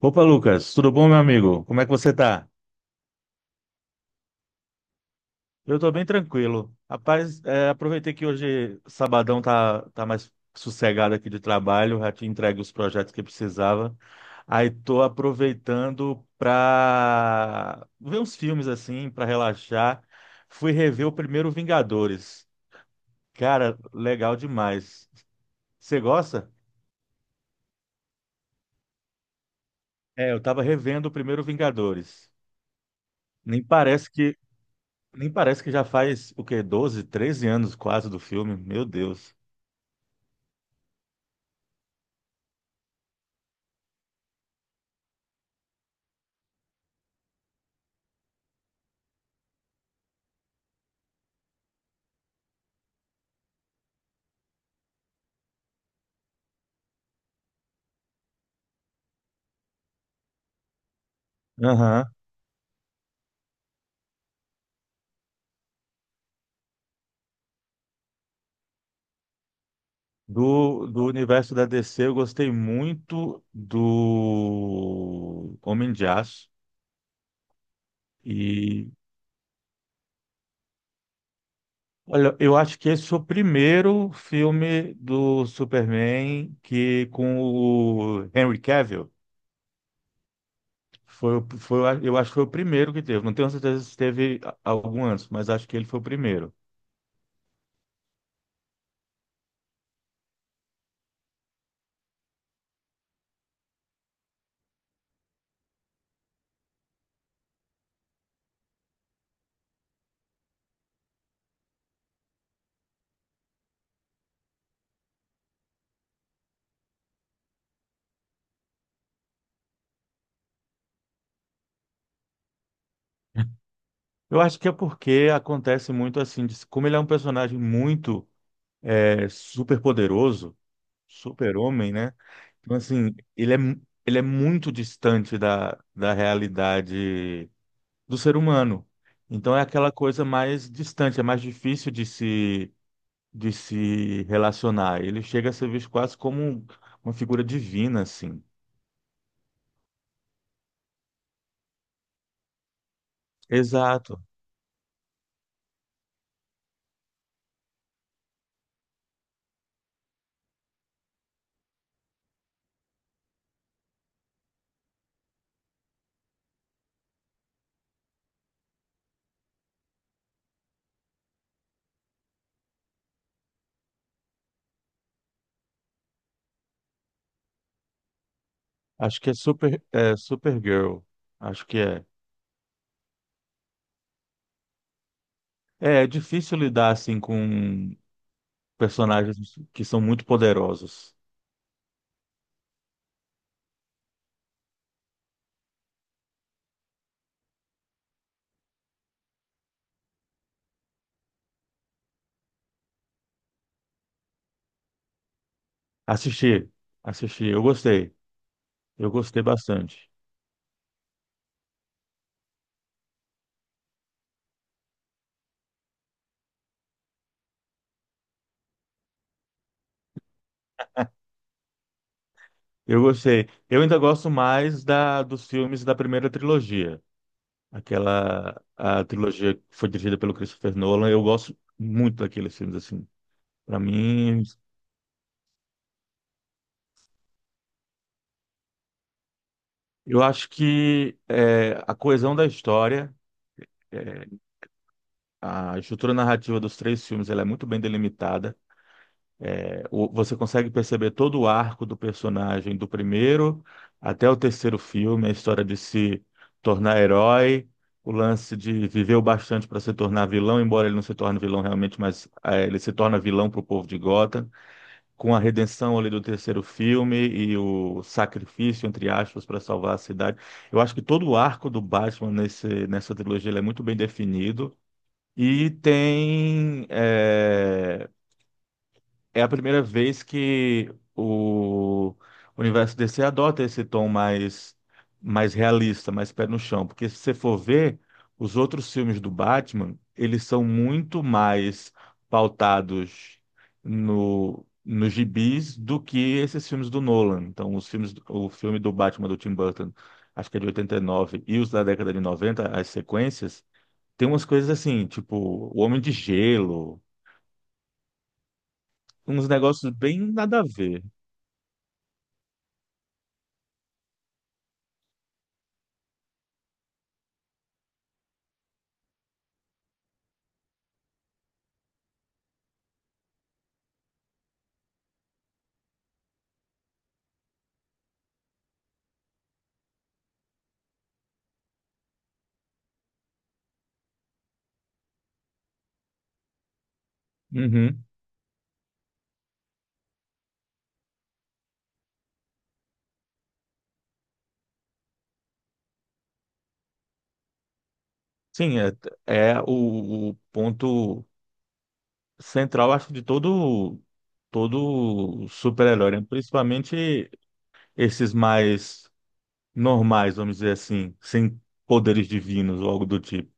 Opa, Lucas, tudo bom, meu amigo? Como é que você tá? Eu tô bem tranquilo. Rapaz, aproveitei que hoje sabadão tá mais sossegado aqui de trabalho, já te entregue os projetos que precisava. Aí tô aproveitando pra ver uns filmes assim, pra relaxar. Fui rever o primeiro Vingadores. Cara, legal demais. Você gosta? É, eu tava revendo o primeiro Vingadores. Nem parece que Nem parece que já faz, o quê? 12 13 anos quase do filme. Meu Deus. Aham. Do universo da DC, eu gostei muito do Homem de Aço. E, olha, eu acho que esse foi o primeiro filme do Superman que com o Henry Cavill. Eu acho que foi o primeiro que teve. Não tenho certeza se teve algum antes, mas acho que ele foi o primeiro. Eu acho que é porque acontece muito assim, como ele é um personagem muito super poderoso, super-homem, né? Então, assim, ele é muito distante da realidade do ser humano. Então, é aquela coisa mais distante, é mais difícil de se relacionar. Ele chega a ser visto quase como uma figura divina, assim. Exato. Acho que é super, é Supergirl. Acho que é. É, é difícil lidar, assim, com personagens que são muito poderosos. Assisti, assisti, eu gostei bastante. Eu gostei. Eu ainda gosto mais da dos filmes da primeira trilogia, aquela a trilogia que foi dirigida pelo Christopher Nolan. Eu gosto muito daqueles filmes assim. Para mim, eu acho que é, a coesão da história, é, a estrutura narrativa dos três filmes, ela é muito bem delimitada. Você consegue perceber todo o arco do personagem do primeiro até o terceiro filme, a história de se tornar herói, o lance de viver o bastante para se tornar vilão, embora ele não se torne vilão realmente, mas ele se torna vilão para o povo de Gotham, com a redenção ali do terceiro filme e o sacrifício, entre aspas, para salvar a cidade. Eu acho que todo o arco do Batman nessa trilogia ele é muito bem definido. E tem é, é a primeira vez que o universo DC adota esse tom mais, mais realista, mais pé no chão. Porque se você for ver, os outros filmes do Batman, eles são muito mais pautados no, nos gibis do que esses filmes do Nolan. Então, o filme do Batman do Tim Burton, acho que é de 89, e os da década de 90, as sequências, tem umas coisas assim, tipo O Homem de Gelo, uns negócios bem nada a ver. Uhum. Sim, é, é o ponto central, acho, de todo super-herói, né? Principalmente esses mais normais, vamos dizer assim, sem poderes divinos ou algo do tipo.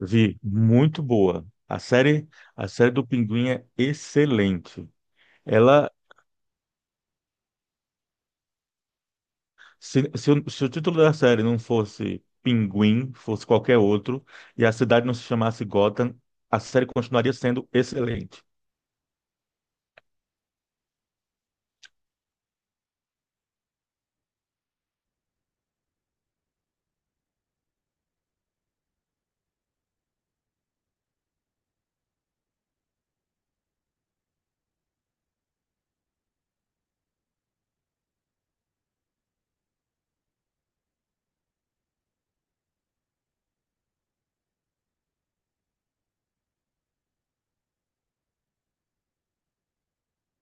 Vi, muito boa. A série do Pinguim é excelente. Ela, se, o, se o título da série não fosse Pinguim, fosse qualquer outro, e a cidade não se chamasse Gotham, a série continuaria sendo excelente.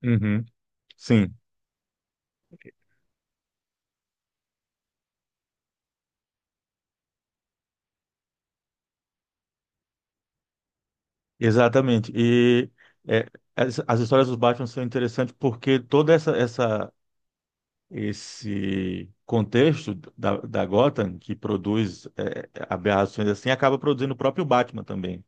Uhum. Sim, exatamente. E é, as histórias dos Batman são interessantes porque toda essa, essa esse contexto da Gotham que produz é, aberrações assim acaba produzindo o próprio Batman também.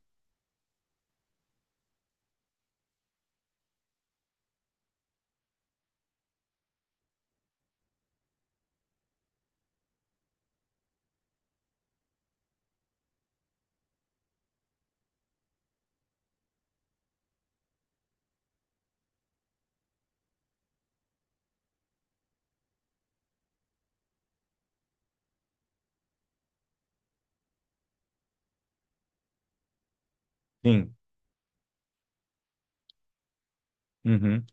Sim. Uhum.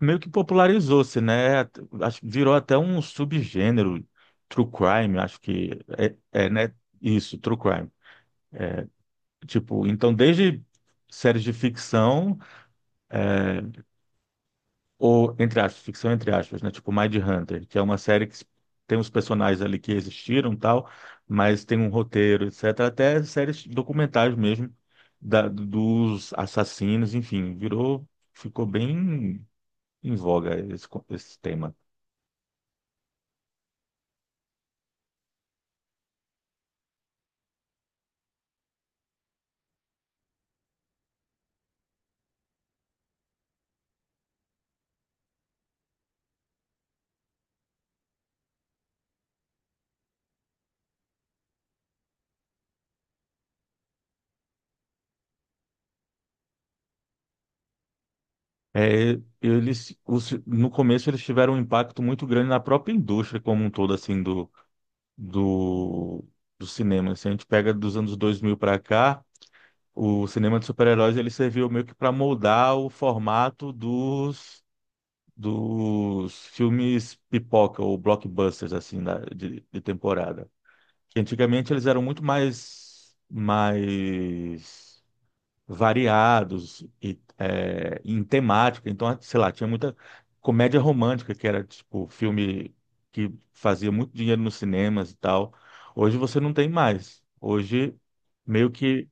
Meio que popularizou-se, né? Acho que virou até um subgênero, true crime, acho que né? Isso, true crime. Tipo, então desde séries de ficção ou, entre aspas, ficção entre aspas, né? Tipo Mindhunter, que é uma série que tem os personagens ali que existiram e tal, mas tem um roteiro, etc. Até séries documentais mesmo dos assassinos, enfim, virou, ficou bem em voga esse tema. É, eles, no começo eles tiveram um impacto muito grande na própria indústria como um todo, assim, do, do cinema. Se a gente pega dos anos 2000 para cá, o cinema de super-heróis ele serviu meio que para moldar o formato dos, dos filmes pipoca ou blockbusters assim de temporada. Que antigamente eles eram muito mais mais variados e é, em temática. Então, sei lá, tinha muita comédia romântica que era tipo filme que fazia muito dinheiro nos cinemas e tal. Hoje você não tem mais. Hoje meio que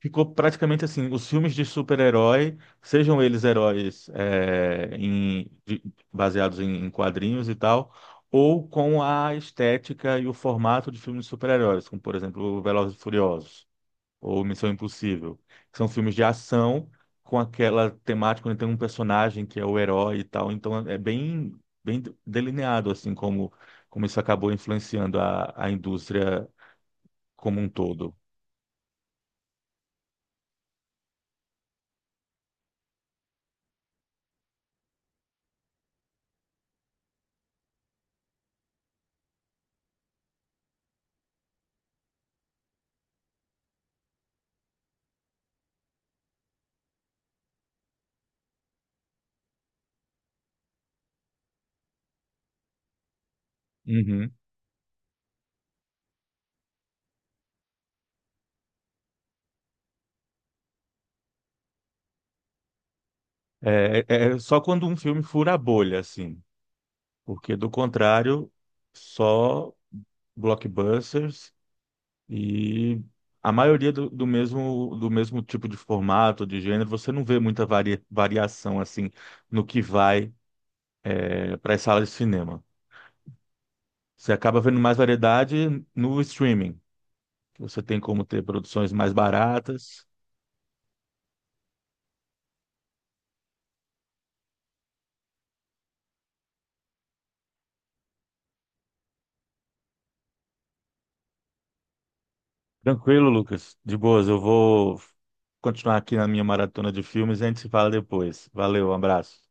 ficou praticamente assim, os filmes de super-herói, sejam eles heróis é, baseados em quadrinhos e tal, ou com a estética e o formato de filmes de super-heróis, como por exemplo Velozes e Furiosos ou Missão Impossível, que são filmes de ação com aquela temática onde tem um personagem que é o herói e tal, então é bem, bem delineado assim como, como isso acabou influenciando a indústria como um todo. É, só quando um filme fura a bolha, assim, porque do contrário, só blockbusters e a maioria do, do mesmo tipo de formato, de gênero, você não vê muita variação assim no que vai é, para as salas de cinema. Você acaba vendo mais variedade no streaming, que você tem como ter produções mais baratas. Tranquilo, Lucas. De boas, eu vou continuar aqui na minha maratona de filmes e a gente se fala depois. Valeu, um abraço.